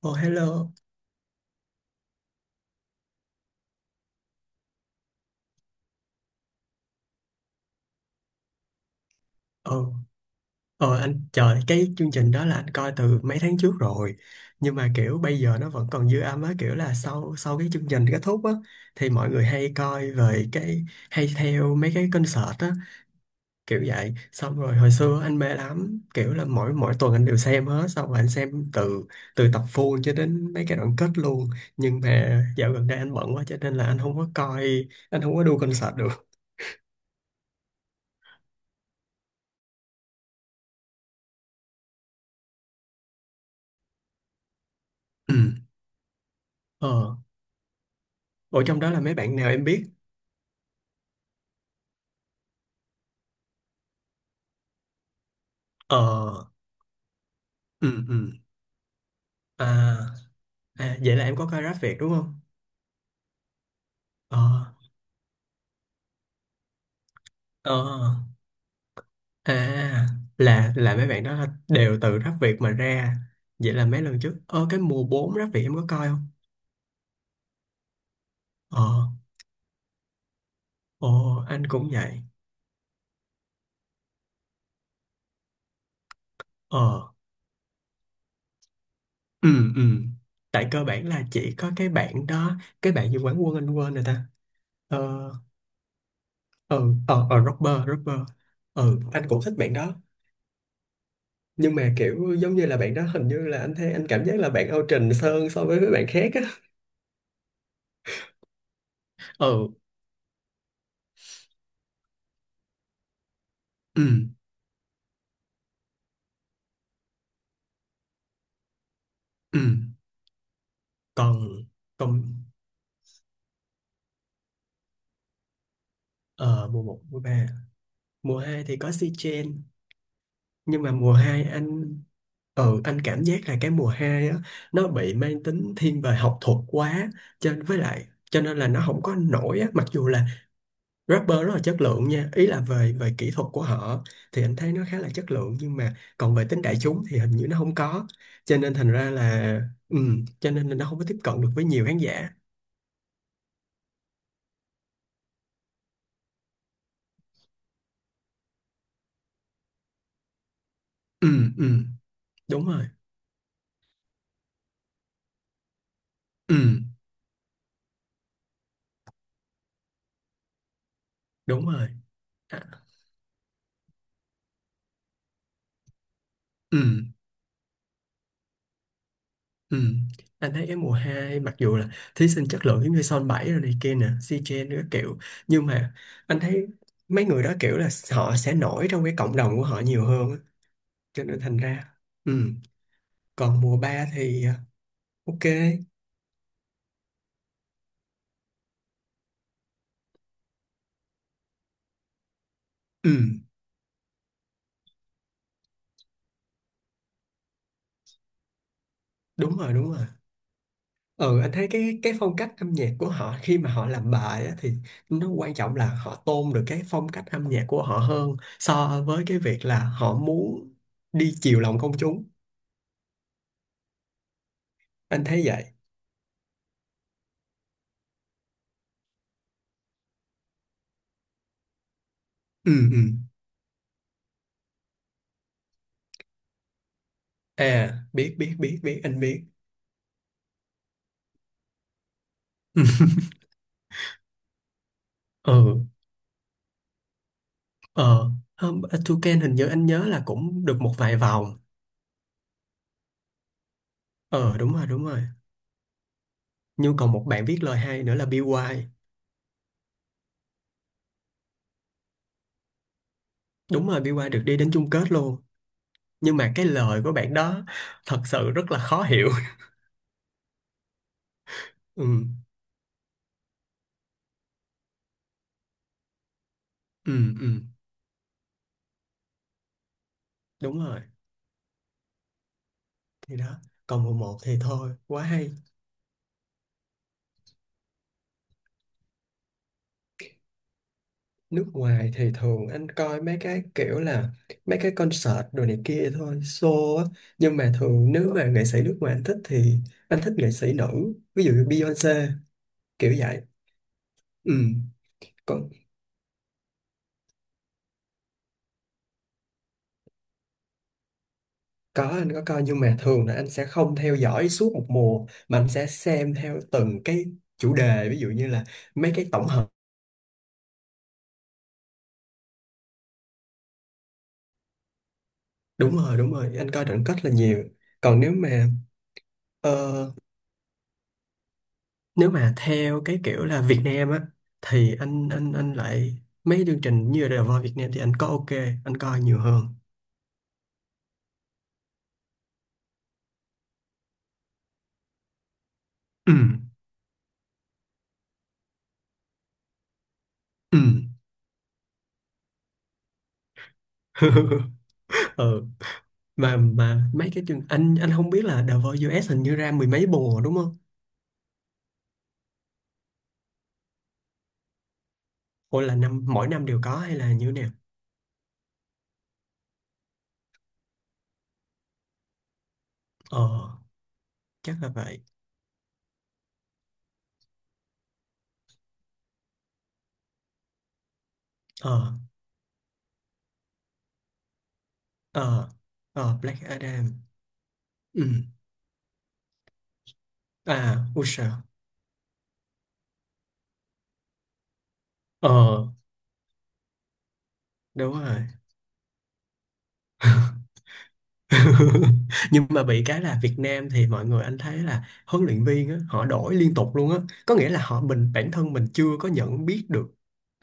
Ồ, hello. Ồ, ồ anh trời, cái chương trình đó là anh coi từ mấy tháng trước rồi. Nhưng mà kiểu bây giờ nó vẫn còn dư âm á, kiểu là sau sau cái chương trình kết thúc á thì mọi người hay coi về cái hay theo mấy cái concert á, kiểu vậy. Xong rồi hồi xưa anh mê lắm, kiểu là mỗi mỗi tuần anh đều xem hết, xong rồi anh xem từ từ tập full cho đến mấy cái đoạn kết luôn. Nhưng mà dạo gần đây anh bận quá cho nên là anh không có coi, anh không có đu concert được. Ừ. Ờ, ở trong đó là mấy bạn nào em biết? Ờ, ừ. À, à vậy là em có coi rap Việt đúng không? Ờ ờ À, là mấy bạn đó là đều từ rap Việt mà ra. Vậy là mấy lần trước, ờ, cái mùa 4 rap Việt em có coi không? Ờ, ồ anh cũng vậy. Ờ ừ ừ Tại cơ bản là chỉ có cái bạn đó, cái bạn như quán quân anh quên rồi ta. Ờ ờ ờ ờ rapper, rapper. Ừ, anh cũng thích bạn đó, nhưng mà kiểu giống như là bạn đó hình như là anh thấy anh cảm giác là bạn out trình hơn so với mấy bạn khác á. Ừ ừ ừ còn còn ờ, mùa một, mùa ba, mùa hai thì có si chen. Nhưng mà mùa 2 anh, ừ, anh cảm giác là cái mùa hai á, nó bị mang tính thiên về học thuật quá, cho với lại cho nên là nó không có nổi á, mặc dù là rapper rất là chất lượng nha, ý là về về kỹ thuật của họ thì anh thấy nó khá là chất lượng, nhưng mà còn về tính đại chúng thì hình như nó không có, cho nên thành ra là, ừ, cho nên là nó không có tiếp cận được với nhiều khán giả. Ừ ừ đúng rồi. Ừ, đúng rồi. À, ừ, ừ. Anh thấy cái mùa 2 mặc dù là thí sinh chất lượng giống như Son 7 rồi này kia nè, C-Chen các kiểu, nhưng mà anh thấy mấy người đó kiểu là họ sẽ nổi trong cái cộng đồng của họ nhiều hơn á, cho nên thành ra, ừ. Còn mùa 3 thì à, ok, ừ. Đúng rồi, đúng rồi. Ừ, anh thấy cái phong cách âm nhạc của họ khi mà họ làm bài á, thì nó quan trọng là họ tôn được cái phong cách âm nhạc của họ hơn so với cái việc là họ muốn đi chiều lòng công chúng. Anh thấy vậy. Ừ. À, biết biết biết biết anh biết. Ừ. Ờ, hôm Toucan hình như anh nhớ là cũng được một vài vòng. Ờ, đúng rồi, đúng rồi. Nhưng còn một bạn viết lời hay nữa là BY. Đúng rồi, BY được đi đến chung kết luôn, nhưng mà cái lời của bạn đó thật sự rất là khó hiểu. ừ ừ, đúng rồi. Thì đó, còn mùa một thì thôi quá hay. Nước ngoài thì thường anh coi mấy cái kiểu là mấy cái concert đồ này kia thôi, show á. Nhưng mà thường nếu mà nghệ sĩ nước ngoài anh thích thì anh thích nghệ sĩ nữ, ví dụ như Beyoncé, kiểu vậy. Ừ, có. Có, anh có coi, nhưng mà thường là anh sẽ không theo dõi suốt một mùa mà anh sẽ xem theo từng cái chủ đề, ví dụ như là mấy cái tổng hợp. Đúng rồi, đúng rồi, anh coi đoạn kết là nhiều. Còn nếu mà, ờ, nếu mà theo cái kiểu là Việt Nam á, thì anh lại, mấy chương trình như là The Voice Việt Nam thì anh có ok, anh coi nhiều hơn. Ừ ừ Ừ, mà mấy cái chương, anh không biết là The Voice US hình như ra mười mấy mùa đúng không? Hoặc là năm, mỗi năm đều có hay là như thế nào. Ờ, chắc là vậy. Ờ ờ ờ Black Adam. Ừ. À, Usher. Ờ, đúng rồi. Nhưng mà bị cái là Việt Nam thì mọi người anh thấy là huấn luyện viên á, họ đổi liên tục luôn á, có nghĩa là họ, mình bản thân mình chưa có nhận biết được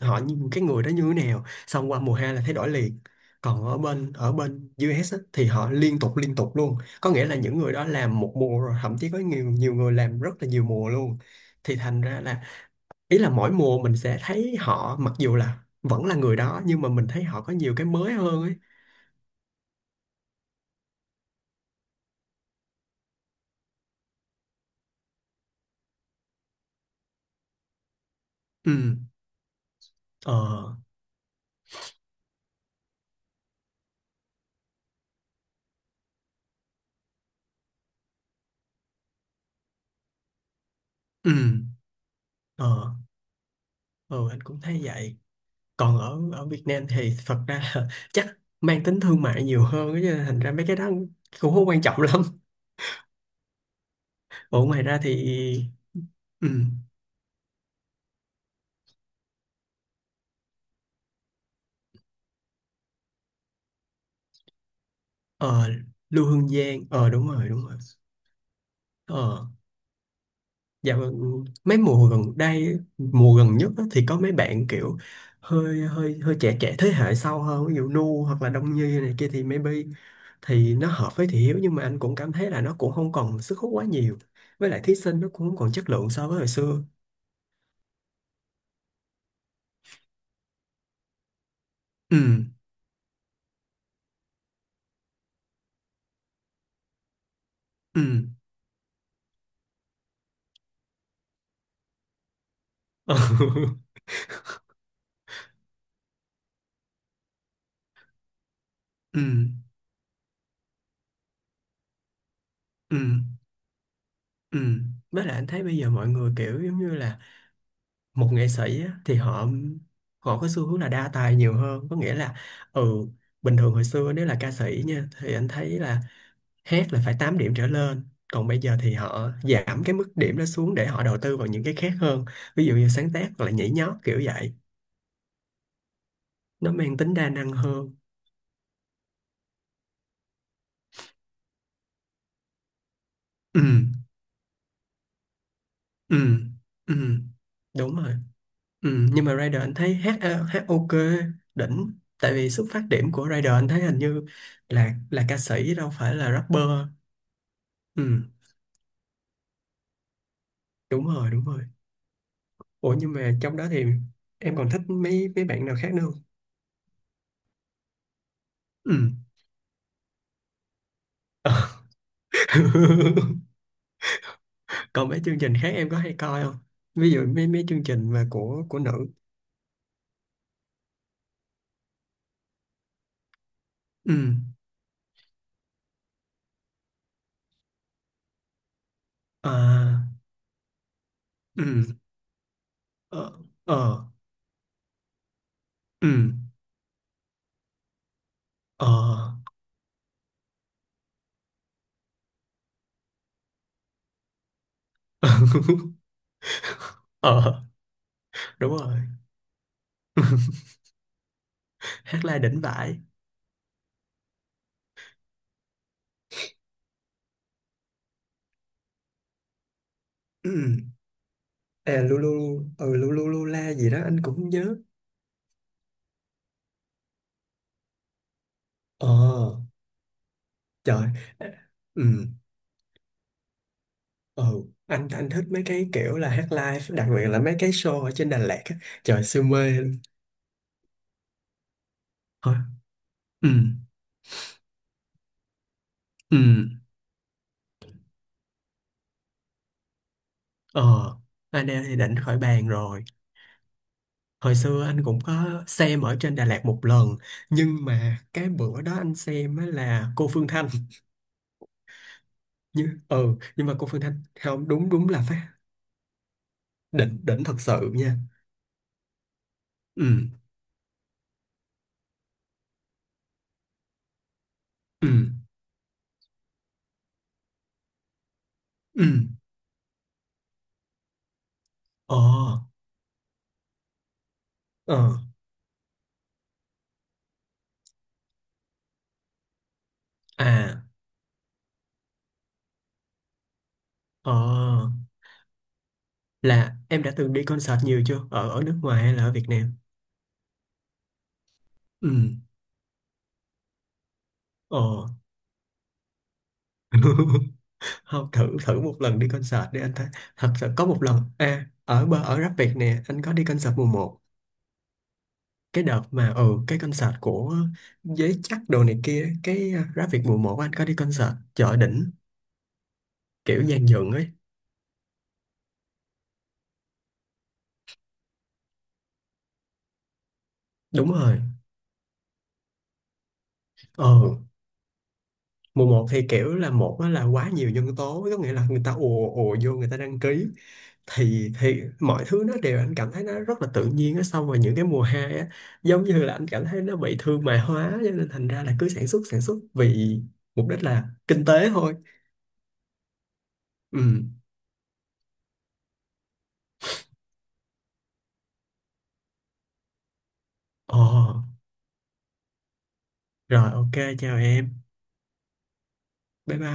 họ, như cái người đó như thế nào, xong qua mùa hai là thấy đổi liền. Còn ở bên, ở bên US á, thì họ liên tục luôn, có nghĩa là những người đó làm một mùa rồi, thậm chí có nhiều, nhiều người làm rất là nhiều mùa luôn, thì thành ra là, ý là mỗi mùa mình sẽ thấy họ mặc dù là vẫn là người đó, nhưng mà mình thấy họ có nhiều cái mới hơn ấy. Ừ, ờ, ừ, ờ, ờ, anh cũng thấy vậy. Còn ở ở Việt Nam thì thật ra là chắc mang tính thương mại nhiều hơn á, cho nên thành ra mấy cái đó cũng không quan trọng lắm. Ủa, ngoài ra thì, ừ, ờ, Lưu Hương Giang, ờ đúng rồi, đúng rồi. Ờ, dạ vâng, mấy mùa gần đây, mùa gần nhất á, thì có mấy bạn kiểu hơi hơi hơi trẻ trẻ thế hệ sau hơn, ví dụ Nu hoặc là Đông Nhi này kia thì maybe thì nó hợp với Thị Hiếu, nhưng mà anh cũng cảm thấy là nó cũng không còn sức hút quá nhiều. Với lại thí sinh nó cũng không còn chất lượng so với hồi xưa. Ừ, ừ, ừ, ừ, ừ. Ừ, với lại anh thấy bây giờ mọi người kiểu giống như là một nghệ sĩ á, thì họ, họ có xu hướng là đa tài nhiều hơn, có nghĩa là, ừ, bình thường hồi xưa nếu là ca sĩ nha thì anh thấy là hát là phải 8 điểm trở lên, còn bây giờ thì họ giảm cái mức điểm đó xuống để họ đầu tư vào những cái khác hơn, ví dụ như sáng tác hoặc là nhảy nhót kiểu vậy, nó mang tính đa năng hơn. Ừ ừ ừ đúng rồi. Ừ, nhưng mà Rider anh thấy hát, hát ok, đỉnh, tại vì xuất phát điểm của Rider anh thấy hình như là ca sĩ đâu phải là rapper. Ừ, đúng rồi, đúng rồi. Ủa, nhưng mà trong đó thì em còn thích mấy, mấy bạn nào khác nữa không? Ừ. Ờ. Còn mấy chương trình khác em có hay coi không, ví dụ mấy, mấy chương trình mà của nữ? Ừ, à, ừ, ờ, ờ, ừ, ờ, ờ, đúng rồi. Hát la đỉnh vãi. Ừ. À, lulu. Ừ, lulu lula gì đó anh cũng nhớ. Ờ, trời. Ừ, ừ, anh thích mấy cái kiểu là hát live, đặc biệt là mấy cái show ở trên Đà Lạt á. Trời siêu mê luôn. Thôi. Ừ, ừ. Ờ, anh em thì định khỏi bàn rồi, hồi xưa anh cũng có xem ở trên Đà Lạt một lần, nhưng mà cái bữa đó anh xem á là cô Phương Thanh, như ừ, nhưng mà cô Phương Thanh, không đúng, đúng là phát đỉnh, đỉnh thật sự nha. Ừ ừ ừ Ờ, ờ, à, ờ, là em đã từng đi concert nhiều chưa, ở ở nước ngoài hay là ở Việt Nam? Ừ, ờ. Không, thử, thử một lần đi concert để anh thấy. Thật sự có một lần à, ở bờ ở Rap Việt nè, anh có đi concert mùa một. Cái đợt mà, ừ, cái concert của Giới Chắc đồ này kia, cái à, Rap Việt mùa một anh có đi concert chợ đỉnh kiểu dàn dựng ấy. Đúng rồi. Ờ, mùa một thì kiểu là một á là quá nhiều nhân tố, có nghĩa là người ta ùa ùa vô người ta đăng ký, thì mọi thứ nó đều, anh cảm thấy nó rất là tự nhiên á, xong rồi những cái mùa hai á giống như là anh cảm thấy nó bị thương mại hóa, cho nên thành ra là cứ sản xuất vì mục đích là kinh tế thôi. Ừ, ồ, rồi, ok. Chào em. Bye bye.